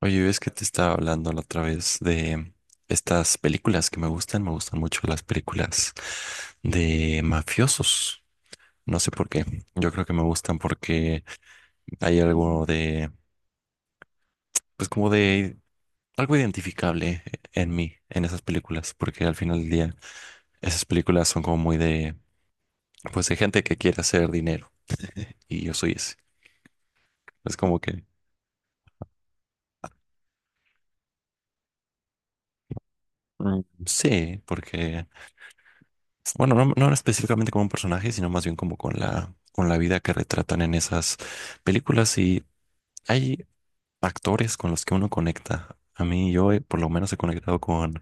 Oye, ves que te estaba hablando la otra vez de estas películas que me gustan. Me gustan mucho las películas de mafiosos. No sé por qué. Yo creo que me gustan porque hay algo de, pues como de algo identificable en mí, en esas películas. Porque al final del día, esas películas son como muy de, pues de gente que quiere hacer dinero. Y yo soy ese. Es como que, sí, porque bueno, no, no específicamente como un personaje, sino más bien como con con la vida que retratan en esas películas. Y hay actores con los que uno conecta. A mí, yo por lo menos he conectado con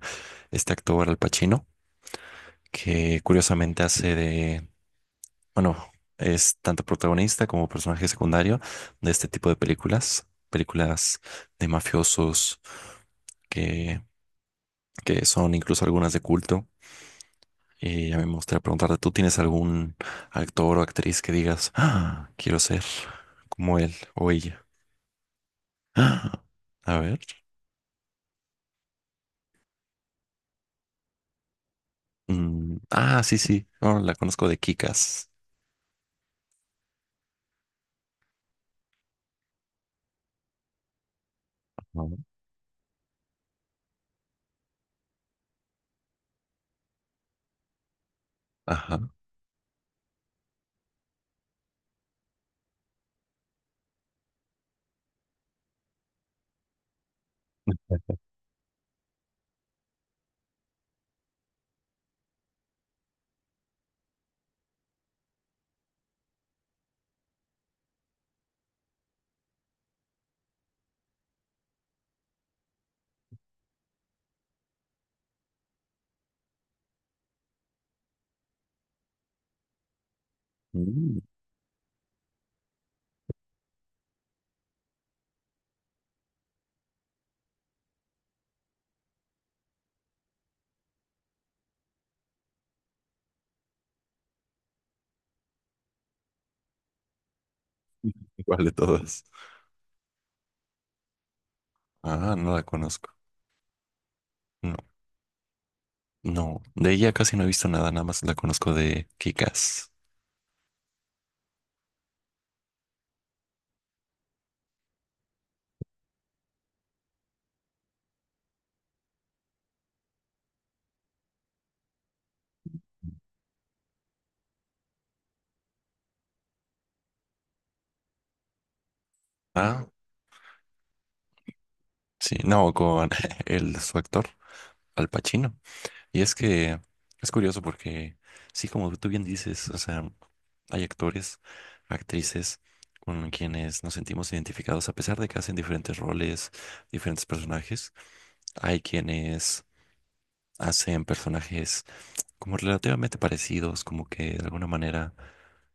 este actor Al Pacino, que curiosamente hace de, bueno, es tanto protagonista como personaje secundario de este tipo de películas, películas de mafiosos que, que son incluso algunas de culto. Y a mí me gustaría preguntarte, ¿tú tienes algún actor o actriz que digas, "Ah, quiero ser como él o ella"? Ah, a ver. Sí, sí, no, la conozco de Kikas. ¿No? Ajá. Mm. ¿Cuál de todas? Ah, no la conozco. No, no. De ella casi no he visto nada, nada más la conozco de Kikas. Ah, sí. No, con el, su actor, Al Pacino. Y es que es curioso porque, sí, como tú bien dices, o sea, hay actores, actrices con quienes nos sentimos identificados, a pesar de que hacen diferentes roles, diferentes personajes. Hay quienes hacen personajes como relativamente parecidos, como que de alguna manera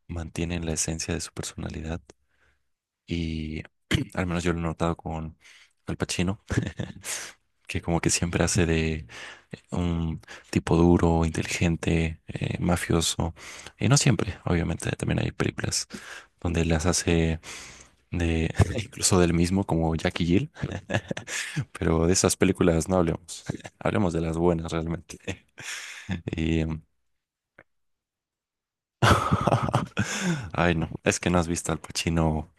mantienen la esencia de su personalidad. Y al menos yo lo he notado con Al Pacino. Que como que siempre hace de un tipo duro, inteligente, mafioso. Y no siempre, obviamente, también hay películas donde las hace de incluso del mismo como Jackie Gill, pero de esas películas no hablemos. Hablemos de las buenas realmente. Y ay, no, es que no has visto al Pacino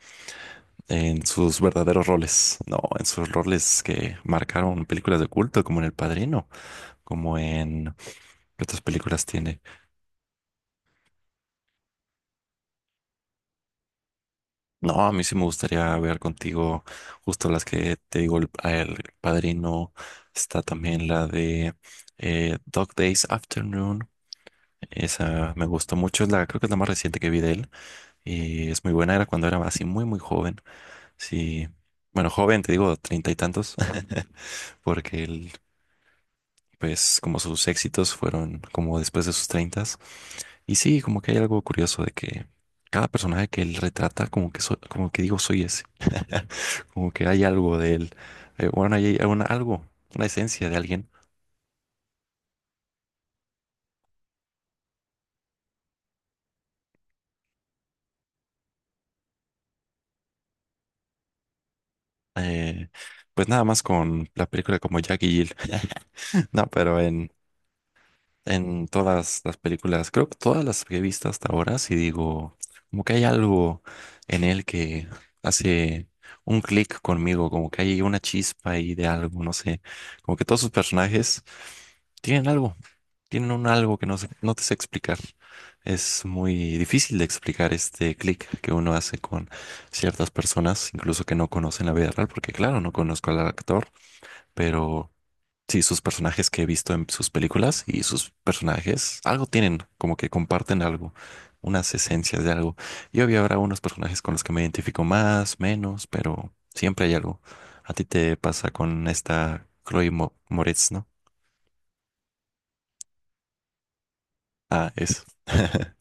en sus verdaderos roles. No, en sus roles que marcaron películas de culto, como en El Padrino, como en ¿qué otras películas tiene? No, a mí sí me gustaría ver contigo justo las que te digo, el Padrino, está también la de Dog Days Afternoon, esa me gustó mucho, es la, creo que es la más reciente que vi de él y es muy buena, era cuando era así muy muy joven, sí, bueno, joven, te digo, treinta y tantos, porque él pues como sus éxitos fueron como después de sus treintas. Y sí, como que hay algo curioso de que cada personaje que él retrata, como que, so- como que digo, soy ese. Como que hay algo de él. Bueno, hay una- algo, una esencia de alguien. Eh, pues nada más con la película como Jack y Jill. No, pero en todas las películas, creo que todas las que he visto hasta ahora, si digo, como que hay algo en él que hace un clic conmigo, como que hay una chispa ahí de algo, no sé, como que todos sus personajes tienen algo, tienen un algo que no sé- no te sé explicar. Es muy difícil de explicar este clic que uno hace con ciertas personas, incluso que no conocen la vida real, porque claro, no conozco al actor, pero sí, sus personajes que he visto en sus películas y sus personajes algo tienen, como que comparten algo, unas esencias de algo. Y obvio habrá unos personajes con los que me identifico más, menos, pero siempre hay algo. A ti te pasa con esta Chloe Mo- Moretz, ¿no? Ah, es.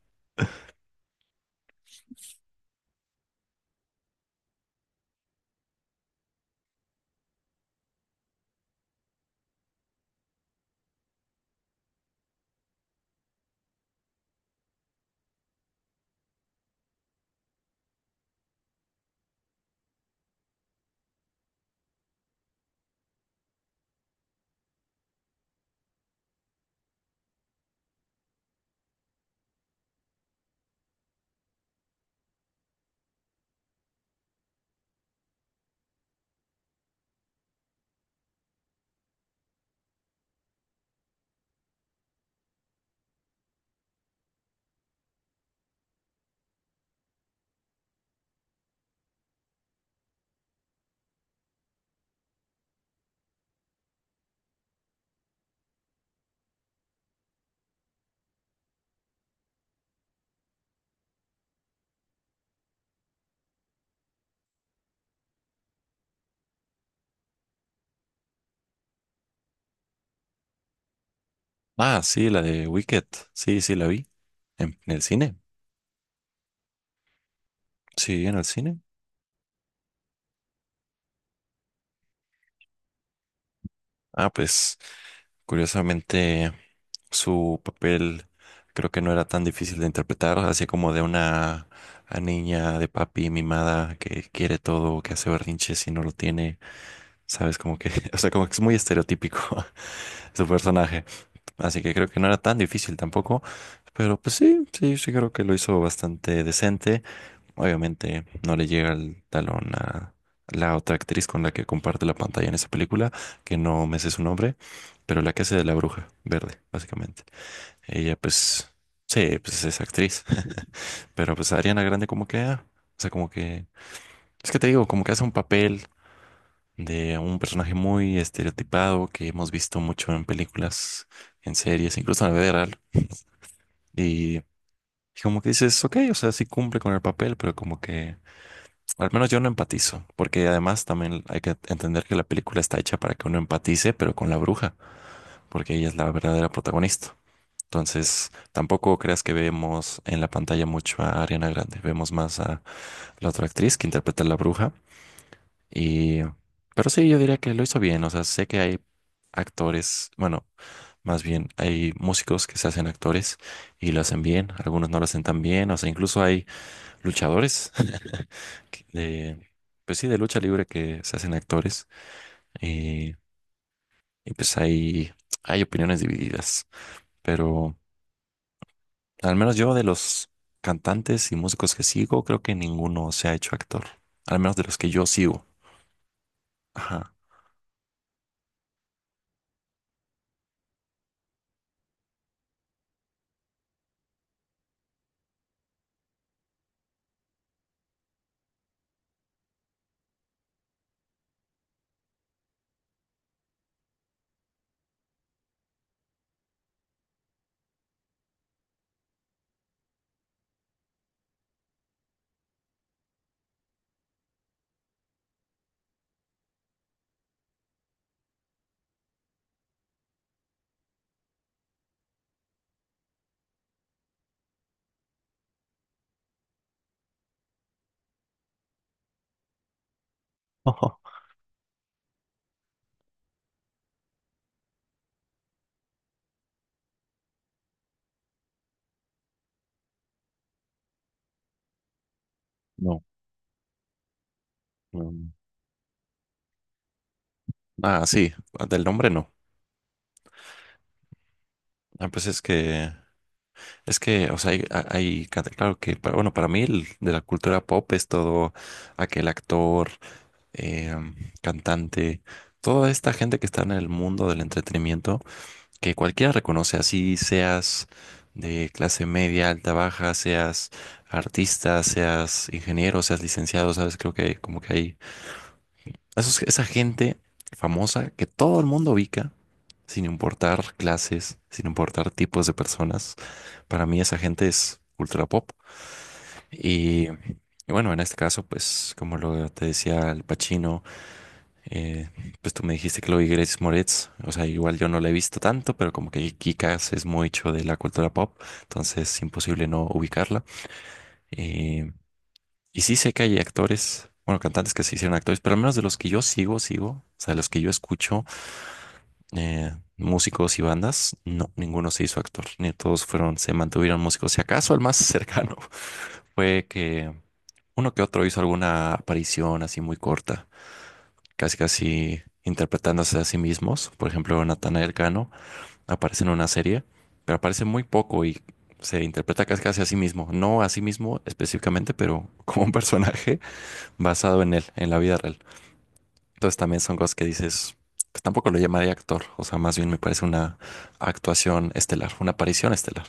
Ah, sí, la de Wicked. Sí, sí, la vi. En el cine. Sí, en el cine. Ah, pues, curiosamente, su papel creo que no era tan difícil de interpretar, así como de una a niña de papi mimada que quiere todo, que hace berrinches y no lo tiene, sabes, como que, o sea, como que es muy estereotípico su personaje. Así que creo que no era tan difícil tampoco, pero pues sí, sí, sí creo que lo hizo bastante decente. Obviamente no le llega el talón a la otra actriz con la que comparte la pantalla en esa película, que no me sé su nombre, pero la que hace de la bruja verde, básicamente. Ella pues, sí, pues es actriz, pero pues Ariana Grande como que, ah, o sea, como que, es que te digo, como que hace un papel de un personaje muy estereotipado que hemos visto mucho en películas, en series, incluso en la vida real. Y, como que dices, ok, o sea, sí cumple con el papel, pero como que, al menos yo no empatizo, porque además también hay que entender que la película está hecha para que uno empatice, pero con la bruja, porque ella es la verdadera protagonista. Entonces, tampoco creas que vemos en la pantalla mucho a Ariana Grande, vemos más a la otra actriz que interpreta a la bruja. Y, pero sí, yo diría que lo hizo bien, o sea, sé que hay actores, bueno, más bien hay músicos que se hacen actores y lo hacen bien, algunos no lo hacen tan bien, o sea, incluso hay luchadores que- de, pues sí, de lucha libre que se hacen actores y, y pues hay opiniones divididas, pero... Al menos yo de los cantantes y músicos que sigo, creo que ninguno se ha hecho actor. Al menos de los que yo sigo. Ajá. Ojo. No. Mm. Ah, sí, del nombre no. Ah, pues es es que, o sea, hay canta- claro que, para- bueno, para mí el de la cultura pop es todo aquel actor, em, cantante, toda esta gente que está en el mundo del entretenimiento, que cualquiera reconoce, así seas de clase media, alta, baja, seas artista, seas ingeniero, seas licenciado, ¿sabes? Creo que como que hay esos- esa gente famosa que todo el mundo ubica, sin importar clases, sin importar tipos de personas. Para mí esa gente es ultra pop. Y bueno, en este caso, pues como lo te decía, Al Pacino. Eh, pues tú me dijiste que lo vi Grace Moretz, o sea, igual yo no la he visto tanto, pero como que Kikas es mucho de la cultura pop, entonces es imposible no ubicarla. Eh, y sí sé que hay actores, bueno, cantantes que se hicieron actores, pero al menos de los que yo sigo, o sea, de los que yo escucho, músicos y bandas, no, ninguno se hizo actor, ni todos fueron, se mantuvieron músicos. Si acaso el más cercano fue que uno que otro hizo alguna aparición así muy corta casi casi interpretándose a sí mismos. Por ejemplo, Natanael Cano aparece en una serie, pero aparece muy poco y se interpreta casi casi a sí mismo. No a sí mismo específicamente, pero como un personaje basado en él, en la vida real. Entonces también son cosas que dices, pues tampoco lo llamaría actor, o sea, más bien me parece una actuación estelar, una aparición estelar.